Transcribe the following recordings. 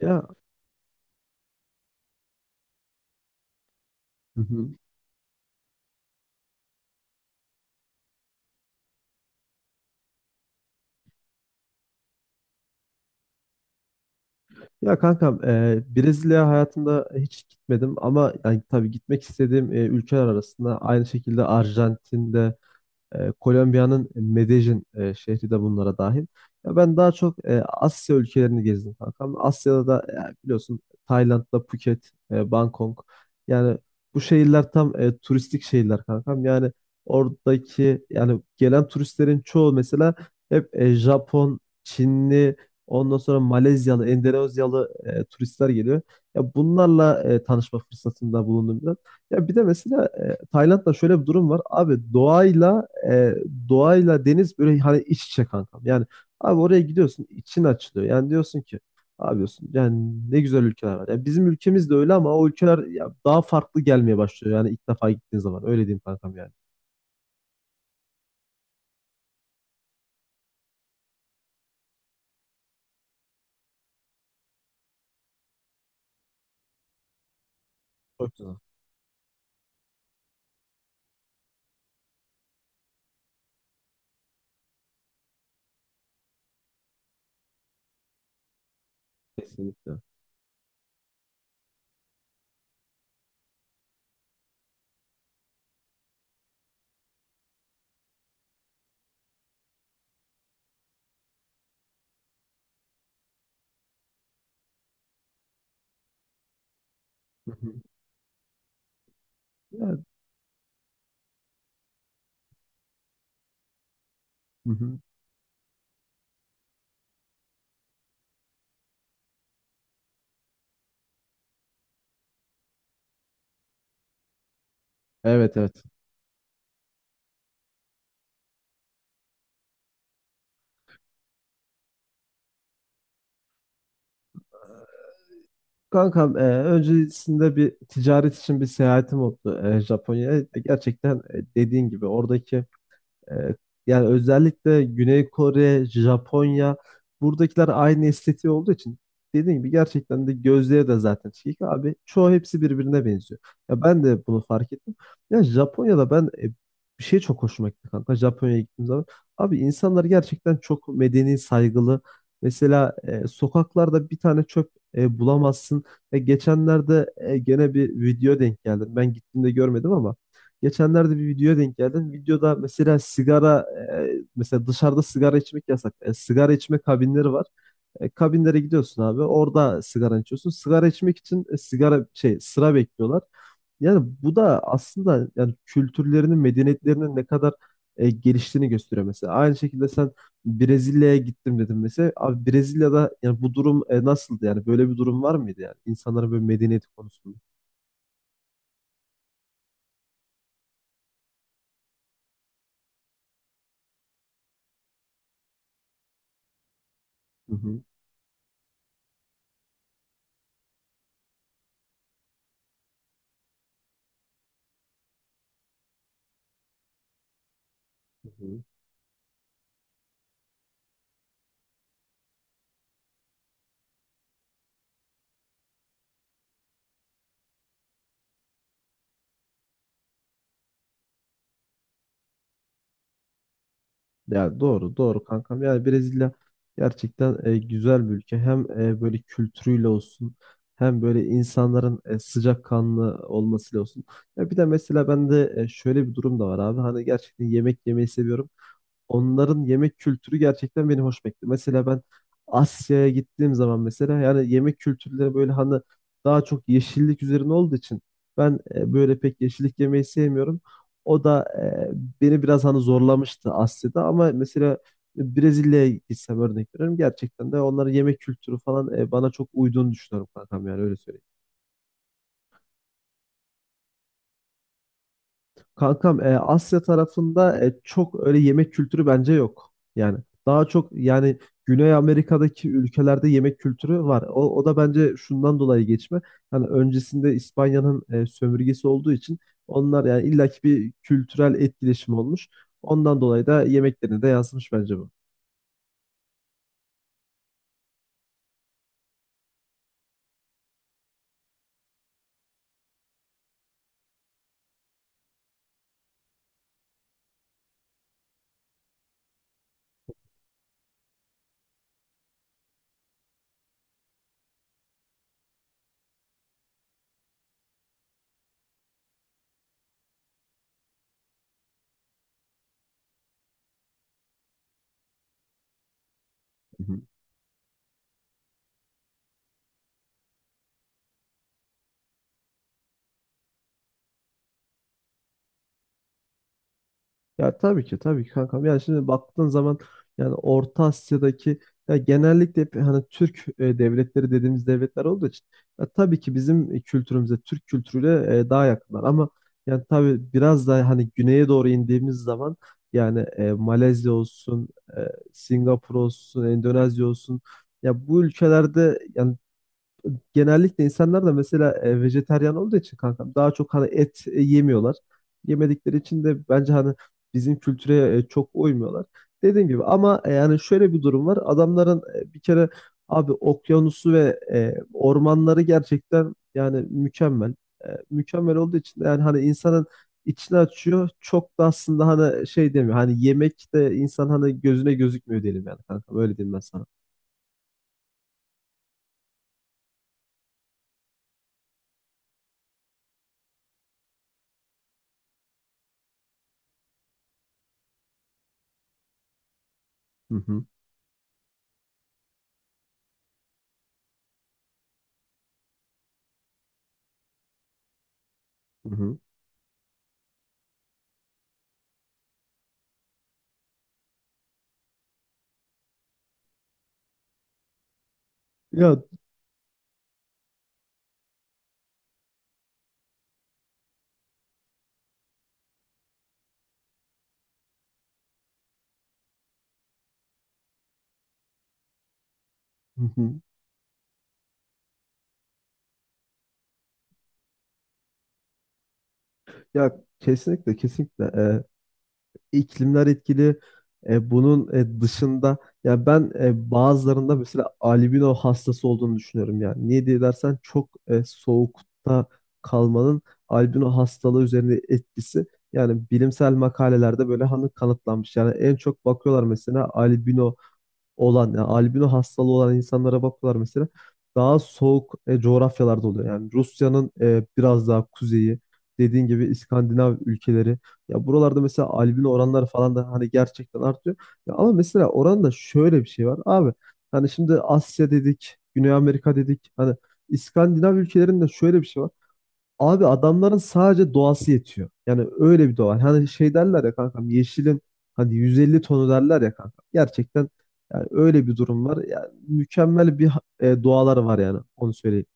Ya. Hı hı. Ya kankam, Brezilya hayatımda hiç gitmedim, ama yani tabii gitmek istediğim ülkeler arasında aynı şekilde Arjantin'de. Kolombiya'nın Medellin şehri de bunlara dahil. Ya ben daha çok Asya ülkelerini gezdim kankam. Asya'da da biliyorsun, Tayland'da Phuket, Bangkok. Yani bu şehirler tam turistik şehirler kankam. Yani oradaki, yani gelen turistlerin çoğu mesela hep Japon, Çinli, ondan sonra Malezyalı, Endonezyalı turistler geliyor. Ya bunlarla tanışma fırsatında bulundum biraz. Ya bir de mesela Tayland'da şöyle bir durum var. Abi doğayla deniz böyle hani iç içe kankam. Yani abi oraya gidiyorsun, için açılıyor. Yani diyorsun ki abi, diyorsun yani ne güzel ülkeler var. Yani bizim ülkemiz de öyle, ama o ülkeler ya, daha farklı gelmeye başlıyor. Yani ilk defa gittiğin zaman öyle diyeyim kankam yani. Çok güzel. Kesinlikle. Hı hı. Yani, hı hı. Evet, evet. Kankam, öncesinde bir ticaret için bir seyahatim oldu, Japonya'ya. Gerçekten dediğin gibi oradaki... Ee, Yani özellikle Güney Kore, Japonya, buradakiler aynı estetiği olduğu için, dediğim gibi, gerçekten de gözleri de zaten çekik abi. Çoğu, hepsi birbirine benziyor. Ya ben de bunu fark ettim. Ya Japonya'da ben, bir şey çok hoşuma gitti kanka. Japonya'ya gittiğim zaman, abi, insanlar gerçekten çok medeni, saygılı. Mesela sokaklarda bir tane çöp bulamazsın. Geçenlerde gene bir video denk geldim. Ben gittiğimde görmedim, ama geçenlerde bir videoya denk geldim. Videoda mesela sigara, mesela dışarıda sigara içmek yasak. Sigara içme kabinleri var. Kabinlere gidiyorsun abi. Orada sigara içiyorsun. Sigara içmek için sigara şey sıra bekliyorlar. Yani bu da aslında yani kültürlerinin, medeniyetlerinin ne kadar geliştiğini gösteriyor mesela. Aynı şekilde sen, Brezilya'ya gittim dedim mesela. Abi Brezilya'da yani bu durum nasıldı yani? Böyle bir durum var mıydı yani? İnsanların böyle medeniyeti konusunda. Hı hı. Ya, doğru doğru kankam. Yani Brezilya gerçekten güzel bir ülke. Hem böyle kültürüyle olsun, hem böyle insanların sıcakkanlı olmasıyla olsun. Ya bir de mesela bende şöyle bir durum da var abi. Hani gerçekten yemek yemeyi seviyorum. Onların yemek kültürü gerçekten beni hoş bekliyor. Mesela ben Asya'ya gittiğim zaman, mesela yani yemek kültürleri böyle hani daha çok yeşillik üzerine olduğu için, ben böyle pek yeşillik yemeyi sevmiyorum. O da beni biraz hani zorlamıştı Asya'da, ama mesela Brezilya'ya gitsem, örnek veriyorum, gerçekten de onların yemek kültürü falan bana çok uyduğunu düşünüyorum kankam, yani öyle söyleyeyim. Kankam, Asya tarafında çok öyle yemek kültürü bence yok. Yani daha çok yani Güney Amerika'daki ülkelerde yemek kültürü var. O da bence şundan dolayı geçme. Hani öncesinde İspanya'nın sömürgesi olduğu için, onlar yani illaki bir kültürel etkileşim olmuş. Ondan dolayı da yemeklerine de yansımış bence bu. Ya tabii ki, tabii ki kankam. Yani şimdi baktığın zaman, yani Orta Asya'daki, ya genellikle hep hani Türk devletleri dediğimiz devletler olduğu için, ya tabii ki bizim kültürümüze, Türk kültürüyle daha yakınlar, ama yani tabii biraz daha hani güneye doğru indiğimiz zaman, yani Malezya olsun, e, Singapur olsun, Endonezya olsun, ya bu ülkelerde yani genellikle insanlar da mesela vejetaryen olduğu için kankam, daha çok hani et yemiyorlar. Yemedikleri için de bence hani bizim kültüre çok uymuyorlar. Dediğim gibi, ama yani şöyle bir durum var. Adamların bir kere abi okyanusu ve ormanları gerçekten yani mükemmel. Mükemmel olduğu için de yani hani insanın içini açıyor. Çok da aslında hani şey demiyor. Hani yemek de insan hani gözüne gözükmüyor diyelim, yani kankam. Öyle diyeyim ben sana. Hı hı. Hı hı. Ya, hı hı. Ya kesinlikle, kesinlikle. İklimler etkili. Bunun dışında, ya ben bazılarında mesela albino hastası olduğunu düşünüyorum. Yani niye diye dersen, çok soğukta kalmanın albino hastalığı üzerinde etkisi, yani bilimsel makalelerde böyle hani kanıtlanmış. Yani en çok bakıyorlar mesela, albino olan, yani albino hastalığı olan insanlara bakıyorlar mesela. Daha soğuk coğrafyalarda oluyor. Yani Rusya'nın biraz daha kuzeyi, dediğin gibi İskandinav ülkeleri. Ya buralarda mesela albino oranları falan da hani gerçekten artıyor. Ya ama mesela oranda şöyle bir şey var abi. Hani şimdi Asya dedik, Güney Amerika dedik. Hani İskandinav ülkelerinde şöyle bir şey var. Abi, adamların sadece doğası yetiyor. Yani öyle bir doğa. Hani şey derler ya kankam, yeşilin hani 150 tonu derler ya kankam. Gerçekten yani öyle bir durum var. Yani mükemmel bir doğaları var, yani onu söyleyeyim.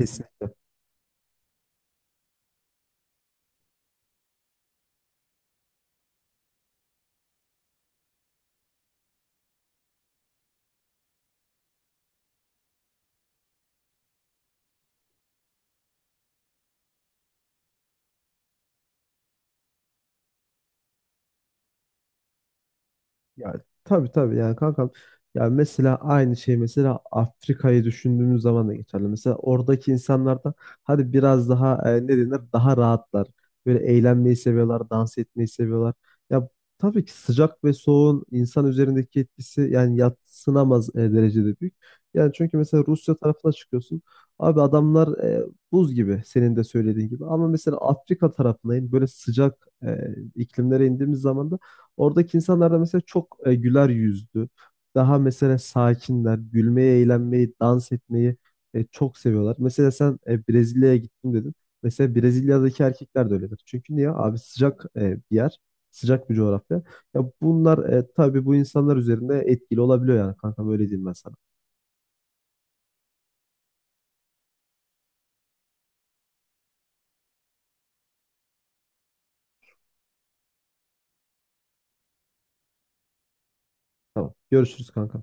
Hı. Ya tabii, tabii yani kankam. Ya mesela aynı şey, mesela Afrika'yı düşündüğümüz zaman da geçerli. Mesela oradaki insanlar da hadi biraz daha ne denir, daha rahatlar. Böyle eğlenmeyi seviyorlar, dans etmeyi seviyorlar. Ya tabii ki sıcak ve soğuğun insan üzerindeki etkisi yani yadsınamaz derecede büyük. Yani çünkü mesela Rusya tarafına çıkıyorsun. Abi adamlar buz gibi, senin de söylediğin gibi. Ama mesela Afrika tarafına in, böyle sıcak iklimlere indiğimiz zaman da, oradaki insanlar da mesela çok güler yüzlü. Daha mesela sakinler, gülmeyi, eğlenmeyi, dans etmeyi çok seviyorlar. Mesela sen Brezilya'ya gittim dedin. Mesela Brezilya'daki erkekler de öyledir. Çünkü niye? Abi sıcak bir yer, sıcak bir coğrafya. Ya bunlar tabii bu insanlar üzerinde etkili olabiliyor, yani kankam, öyle diyeyim ben sana. Tamam. Görüşürüz kankam.